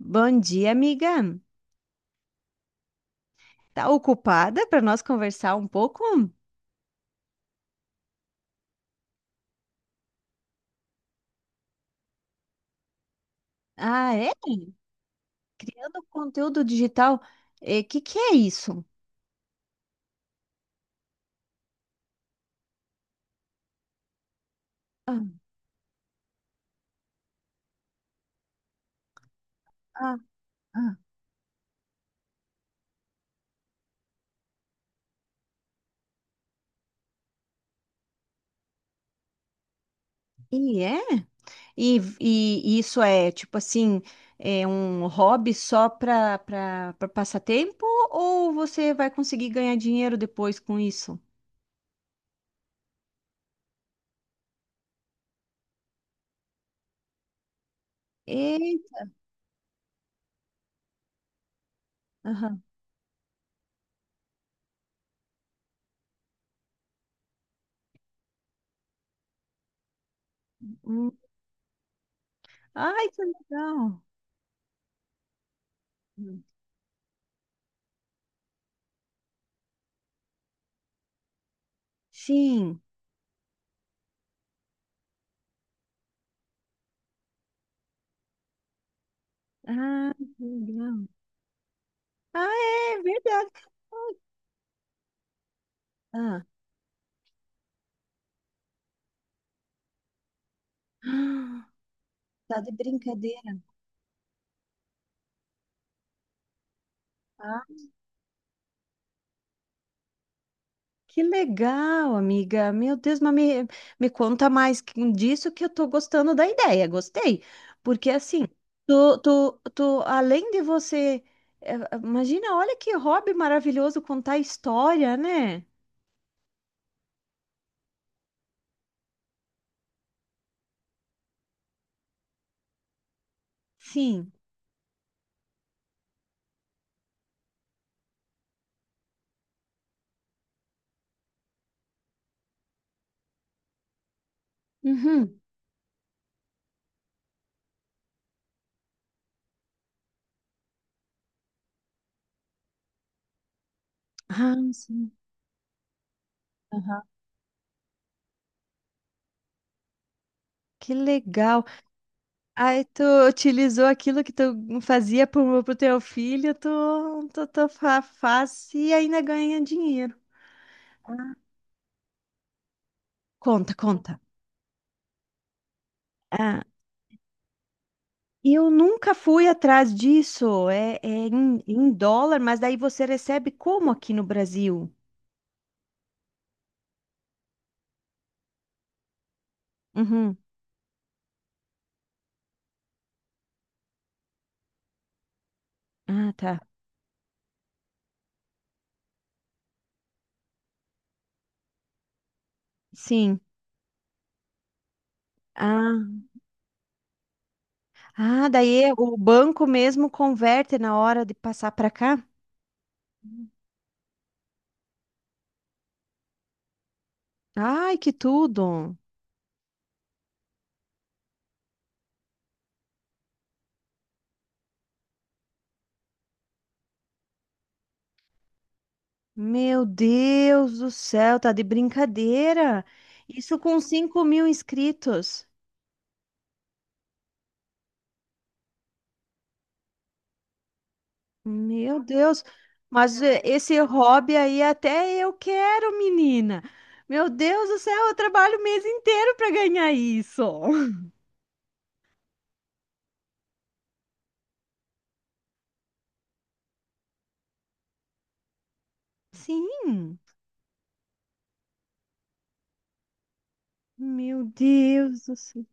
Bom dia, amiga. Tá ocupada para nós conversar um pouco? Ah, é? Criando conteúdo digital. O que que é isso? Ah, ah, ah. E é? E isso é tipo assim, é um hobby só para passar tempo ou você vai conseguir ganhar dinheiro depois com isso? E, aham. Hum. Ai, que legal. Hum. Sim. Ah, que legal. Ah, é verdade. Ah, Ah, tá de brincadeira. Ah, que legal, amiga. Meu Deus, me conta mais disso que eu tô gostando da ideia. Gostei. Porque assim, além de você. eh, Imagina, olha que hobby maravilhoso contar história, né? Sim. Uhum. Ah, sim. Aham. Que legal. Aí tu utilizou aquilo que tu fazia pro teu filho, tu faz e ainda ganha dinheiro. Conta, conta. Ah, eu nunca fui atrás disso. É, é em dólar, mas daí você recebe como aqui no Brasil? Uhum. Ah, tá. Sim. Ah, ah, o banco mesmo converte na hora de passar para cá? Ai, que tudo! Meu Deus do céu, tá de brincadeira! Isso com 5 mil inscritos. Meu Deus, mas esse hobby aí até eu quero, menina. Meu Deus do céu, eu trabalho o mês inteiro para ganhar isso. Sim, meu Deus do céu.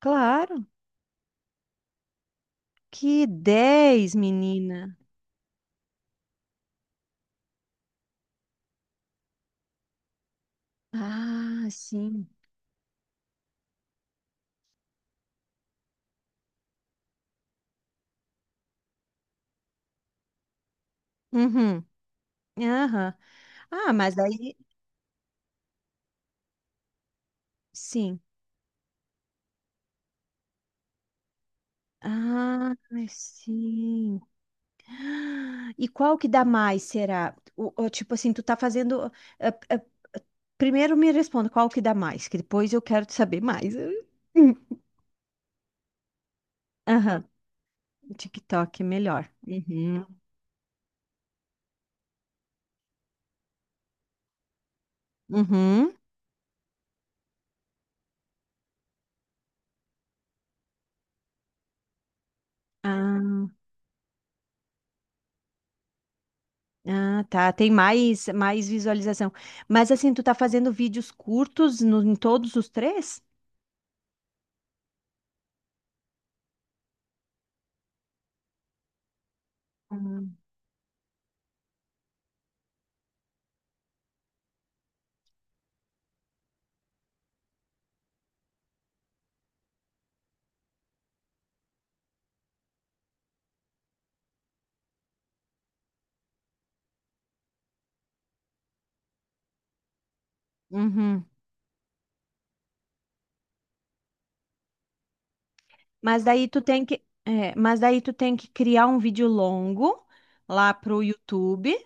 Claro, que 10, menina. Ah, sim. Uhum. Aham. Ah, mas aí, sim. Ah, sim. Ah, e qual que dá mais, será? O tipo assim, tu tá fazendo. eh, eh, Primeiro me responda qual que dá mais, que depois eu quero te saber mais. Hum. Aham, TikTok é melhor. Uhum. Uhum. Ah, ah, tá. Tem mais visualização. Mas assim, tu tá fazendo vídeos curtos em todos os três? Uhum. Uhum. Mas daí tu tem que, é, mas daí tu tem que criar um vídeo longo lá pro YouTube.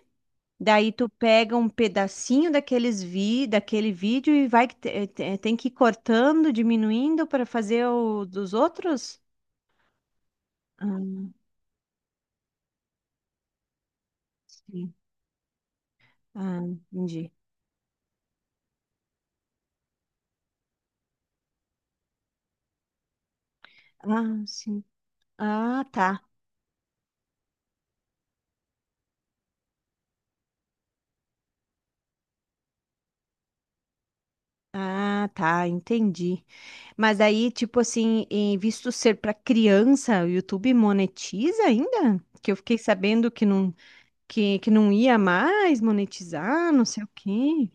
Daí tu pega um pedacinho daquele vídeo e vai que tem que ir cortando, diminuindo para fazer o dos outros? Ah, sim. Ah, entendi. Ah, sim. Ah, tá. Ah, tá, entendi. Mas aí, tipo assim, em visto ser para criança, o YouTube monetiza ainda? Que eu fiquei sabendo que que não ia mais monetizar, não sei o quê.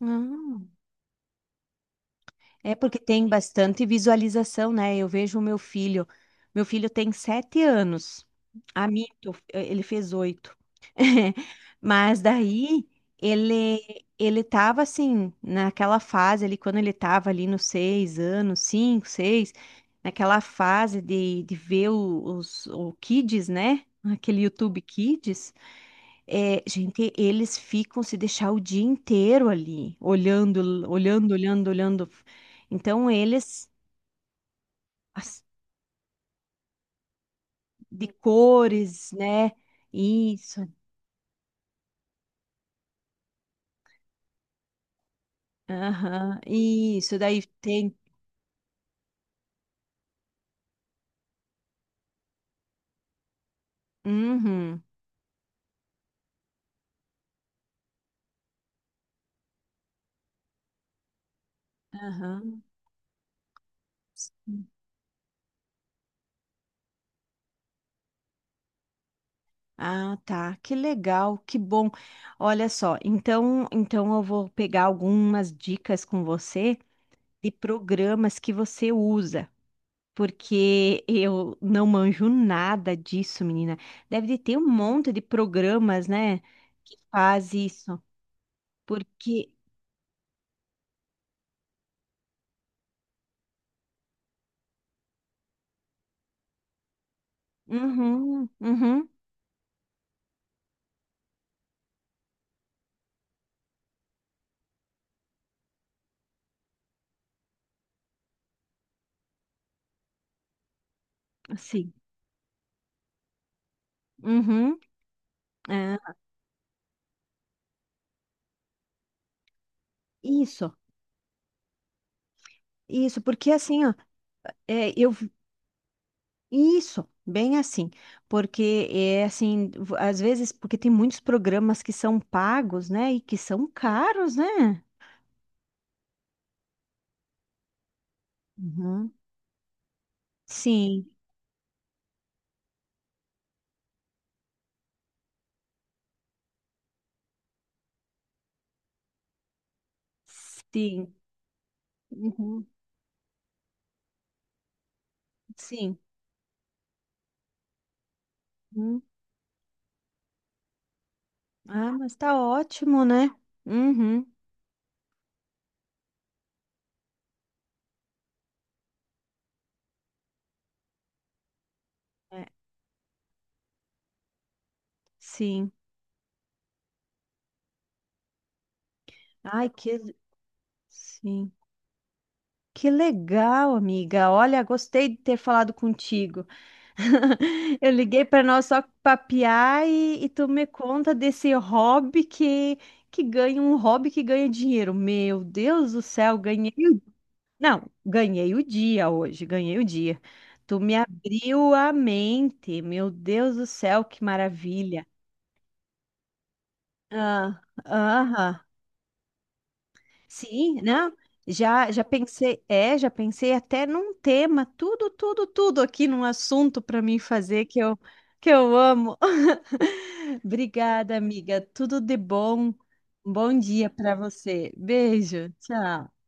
Ah. É porque tem bastante visualização, né? Eu vejo o meu filho. Meu filho tem sete anos. A mito, ele fez oito. Mas daí ele tava assim, naquela fase ali, quando ele tava ali nos seis anos, cinco, seis, naquela fase de ver o- os o Kids, né? Aquele YouTube Kids. É, gente, eles ficam se deixar o dia inteiro ali, olhando, olhando, olhando, olhando. Então, as- de cores, né? Isso, aham, isso. Daí tem. Uhum, aham. Ah, tá, que legal, que bom. Olha só, então eu vou pegar algumas dicas com você de programas que você usa. Porque eu não manjo nada disso, menina. Deve de ter um monte de programas, né, que faz isso. Porque, uhum, uhum, sim, uhum, é, isso, isso, porque assim, ó, é, eu, vi- isso, bem assim, porque é assim, às vezes, porque tem muitos programas que são pagos, né, e que são caros, né? Uhum. Sim, sim, uhum, sim. Hum. Ah, mas tá ótimo, né? Uhum. É, sim. Ai, que sim. Que legal, amiga. Olha, gostei de ter falado contigo. Eu liguei para nós só papiar e tu me conta desse hobby que ganha um hobby que ganha dinheiro. Meu Deus do céu, ganhei. Não, ganhei o dia hoje, ganhei o dia. Tu me abriu a mente. Meu Deus do céu, que maravilha. Ah, aham. Sim, né? Já pensei, é, já pensei até num tema, tudo, tudo, tudo aqui num assunto para mim fazer que eu amo. Obrigada, amiga. Tudo de bom. Um bom dia para você. Beijo. Tchau.